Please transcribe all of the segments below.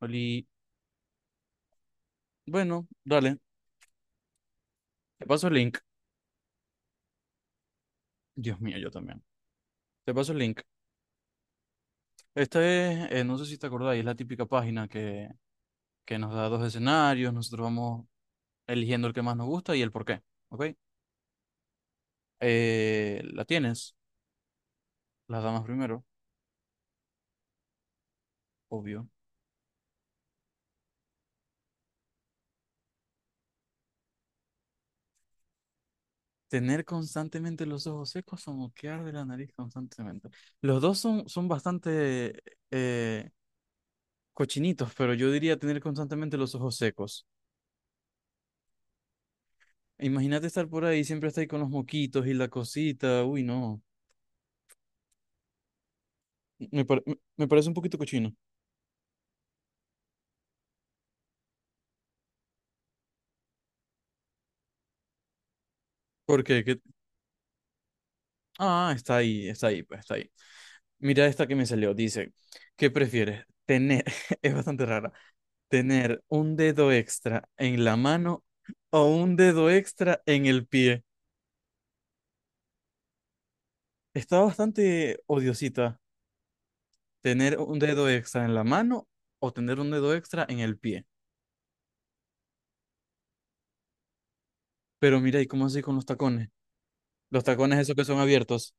Oli, bueno, dale, te paso el link. Dios mío, yo también. Te paso el link. Esta es, no sé si te acordáis, es la típica página que nos da dos escenarios, nosotros vamos eligiendo el que más nos gusta y el por qué, ¿ok? La tienes, las damas primero, obvio. Tener constantemente los ojos secos o moquear de la nariz constantemente. Los dos son bastante eh, cochinitos, pero yo diría tener constantemente los ojos secos. Imagínate estar por ahí, siempre estar ahí con los moquitos y la cosita. Uy, no. Me parece un poquito cochino. ¿Por qué? Ah, está ahí, pues está ahí. Mira esta que me salió. Dice, ¿qué prefieres? Tener, es bastante rara, tener un dedo extra en la mano o un dedo extra en el pie. Está bastante odiosita. Tener un dedo extra en la mano o tener un dedo extra en el pie. Pero mira, ¿y cómo así con los tacones? Los tacones esos que son abiertos.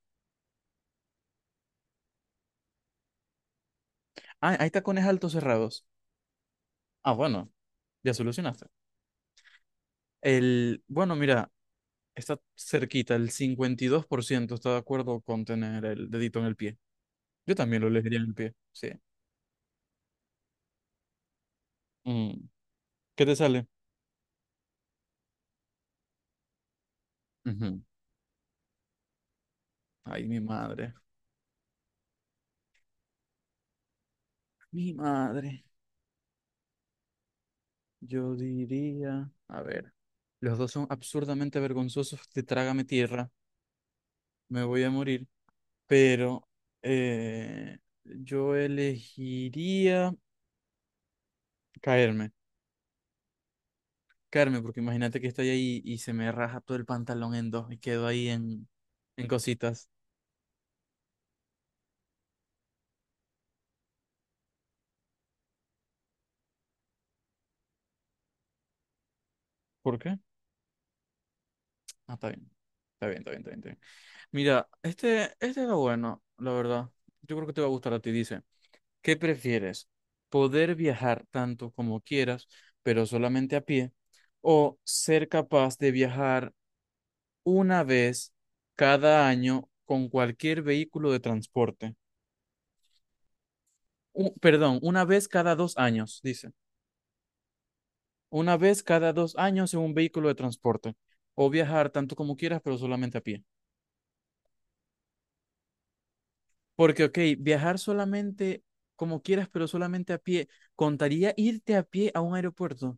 Ah, hay tacones altos cerrados. Ah, bueno, ya solucionaste. Bueno, mira, está cerquita, el 52% está de acuerdo con tener el dedito en el pie. Yo también lo elegiría en el pie, sí. Mm, ¿Qué te sale? Ujú. Ay, mi madre. Mi madre. Yo diría, a ver, los dos son absurdamente vergonzosos de Trágame Tierra, me voy a morir, pero eh, yo elegiría caerme. Carmen, porque imagínate que estoy ahí y se me raja todo el pantalón en dos y quedo ahí en cositas. ¿Por qué? Ah, está bien. Está bien, está bien, está bien, está bien. Mira, este era bueno, la verdad. Yo creo que te va a gustar a ti. Dice, ¿qué prefieres? ¿Poder viajar tanto como quieras, pero solamente a pie? ¿O ser capaz de viajar una vez cada año con cualquier vehículo de transporte? Perdón, una vez cada 2 años, dice. Una vez cada dos años en un vehículo de transporte. O viajar tanto como quieras, pero solamente a pie. Porque, ok, viajar solamente como quieras, pero solamente a pie, ¿contaría irte a pie a un aeropuerto?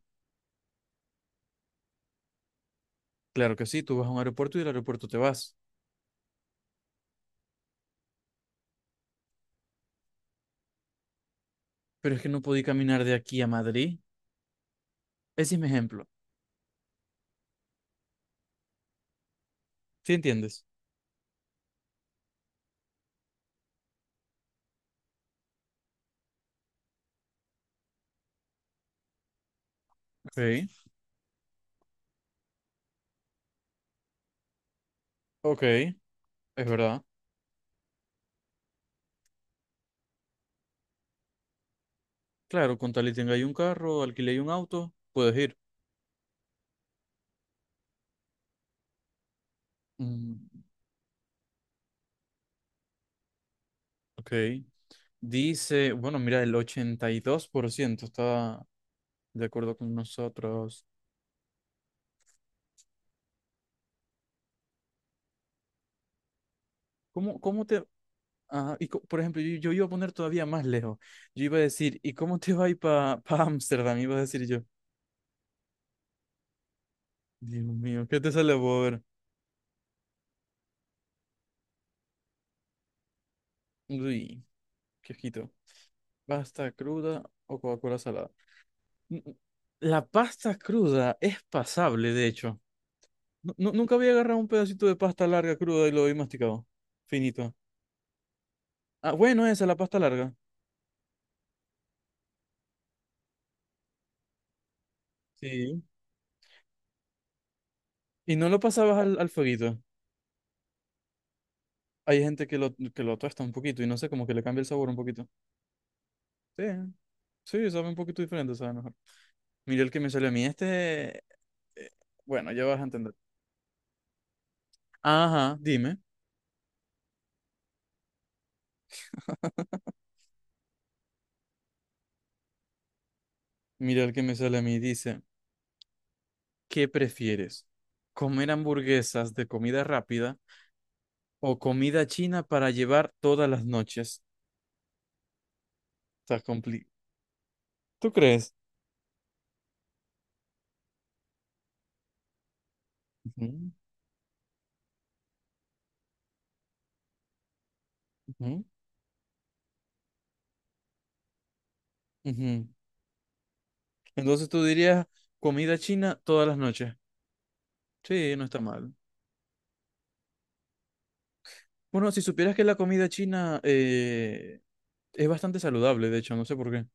Claro que sí, tú vas a un aeropuerto y del aeropuerto te vas. Pero es que no podí caminar de aquí a Madrid. Ese es mi ejemplo. ¿Sí entiendes? Sí. Ok, es verdad. Claro, con tal y tenga ahí un carro, alquile ahí un auto, puedes ir. Mm, ok. Dice, bueno, mira, el 82% está de acuerdo con nosotros. ¿Cómo, cómo te... ah, y por ejemplo, yo iba a poner todavía más lejos. Yo iba a decir, ¿y cómo te va a ir para Ámsterdam? Iba a decir yo. Dios mío, ¿qué te sale, Bober? Uy, qué ojito. ¿Pasta cruda o Coca-Cola salada? N- n- La pasta cruda es pasable, de hecho. Nunca había agarrado un pedacito de pasta larga cruda y lo había masticado. Finito. Ah, bueno, esa, la pasta larga. Sí. Y no lo pasabas al fueguito. Hay gente que lo tuesta un poquito y no sé, como que le cambia el sabor un poquito. Sí, sí, sabe un poquito diferente, sabe mejor. Mira el que me sale a mí. Este, eh, bueno, ya vas a entender. Ajá, dime. Mira el que me sale a mí. Dice, ¿qué prefieres? ¿Comer hamburguesas de comida rápida o comida china para llevar todas las noches? Está complicado. ¿Tú crees? Ujú, ujú, ujú. Entonces tú dirías comida china todas las noches. Sí, no está mal. Bueno, si supieras que la comida china es bastante saludable, de hecho, no sé por qué.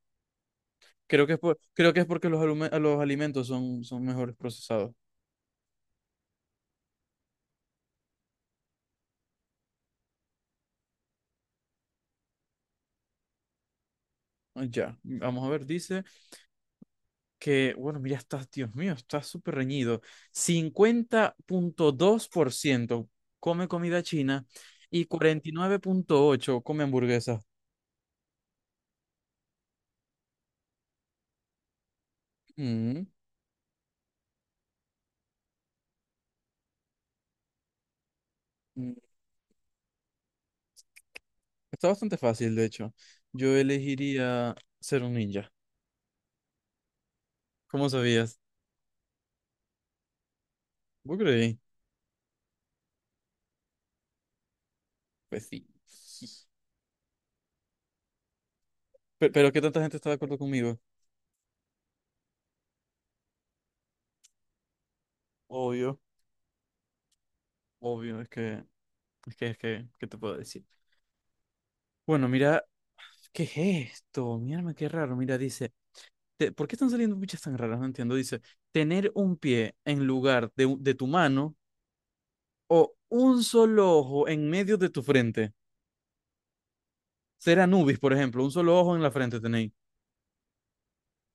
Creo que es porque los alimentos son mejores procesados. Ah, ya, vamos a ver, dice que, bueno, mira, está, Dios mío, está súper reñido. 50.2% come comida china y 49.8% come hamburguesas. Mm, mm. Está bastante fácil, de hecho. Yo elegiría ser un ninja. ¿Cómo sabías? ¿Vos creí? Pues sí. Pero ¿qué tanta gente está de acuerdo conmigo? Obvio, obvio, es que, ¿qué te puedo decir? Bueno, mira, ¿qué es esto? Mírame, qué raro. Mira, dice, ¿por qué están saliendo bichas tan raras? No entiendo. Dice, tener un pie en lugar de tu mano o un solo ojo en medio de tu frente. Ser Anubis, por ejemplo, un solo ojo en la frente tenéis.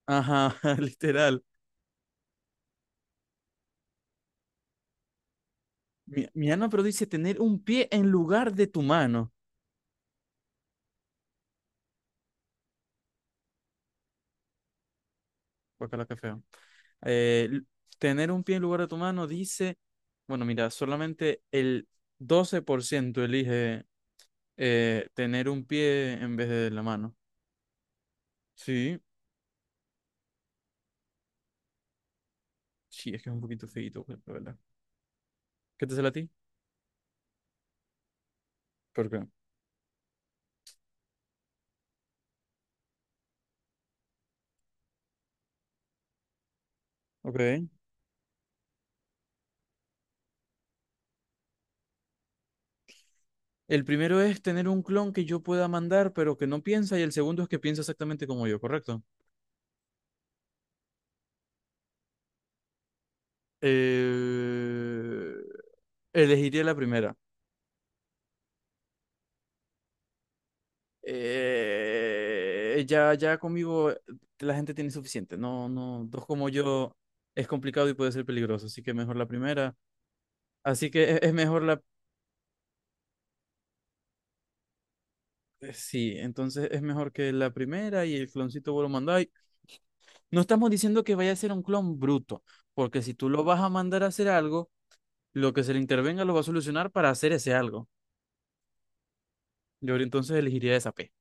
Ajá, literal. Mi Ana, pero dice tener un pie en lugar de tu mano. Guacala, qué feo. Eh, l- Tener un pie en lugar de tu mano dice, bueno, mira, solamente el 12% elige tener un pie en vez de la mano. Sí, sí, es que es un poquito feíto, pues, la verdad. ¿Qué te sale a ti? ¿Por qué? Ok. El primero es tener un clon que yo pueda mandar, pero que no piensa, y el segundo es que piensa exactamente como yo, ¿correcto? Eh, Elegiría la primera. Ya conmigo la gente tiene suficiente. No, no, dos como yo es complicado y puede ser peligroso, así que mejor la primera. Así que es mejor la. Sí, entonces es mejor que la primera y el cloncito vos lo mandáis. No estamos diciendo que vaya a ser un clon bruto, porque si tú lo vas a mandar a hacer algo, lo que se le intervenga lo va a solucionar para hacer ese algo. Yo entonces elegiría esa P.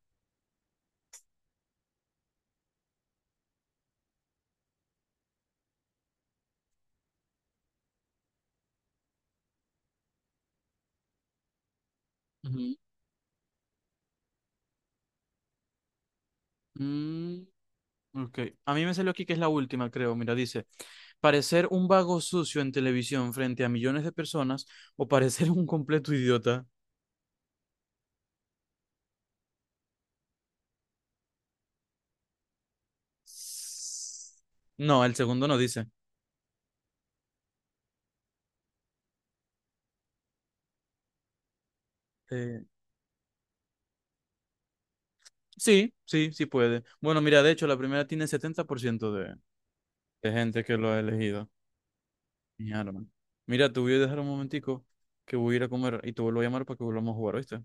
Ujú. Mm, ok. A mí me salió aquí que es la última, creo. Mira, dice, parecer un vago sucio en televisión frente a millones de personas o parecer un completo idiota. No, el segundo no dice. Eh, sí, sí, sí puede. Bueno, mira, de hecho, la primera tiene 70% de gente que lo ha elegido. Mi arma. Mira, te voy a dejar un momentico que voy a ir a comer y te vuelvo a llamar para que volvamos a jugar, ¿oíste?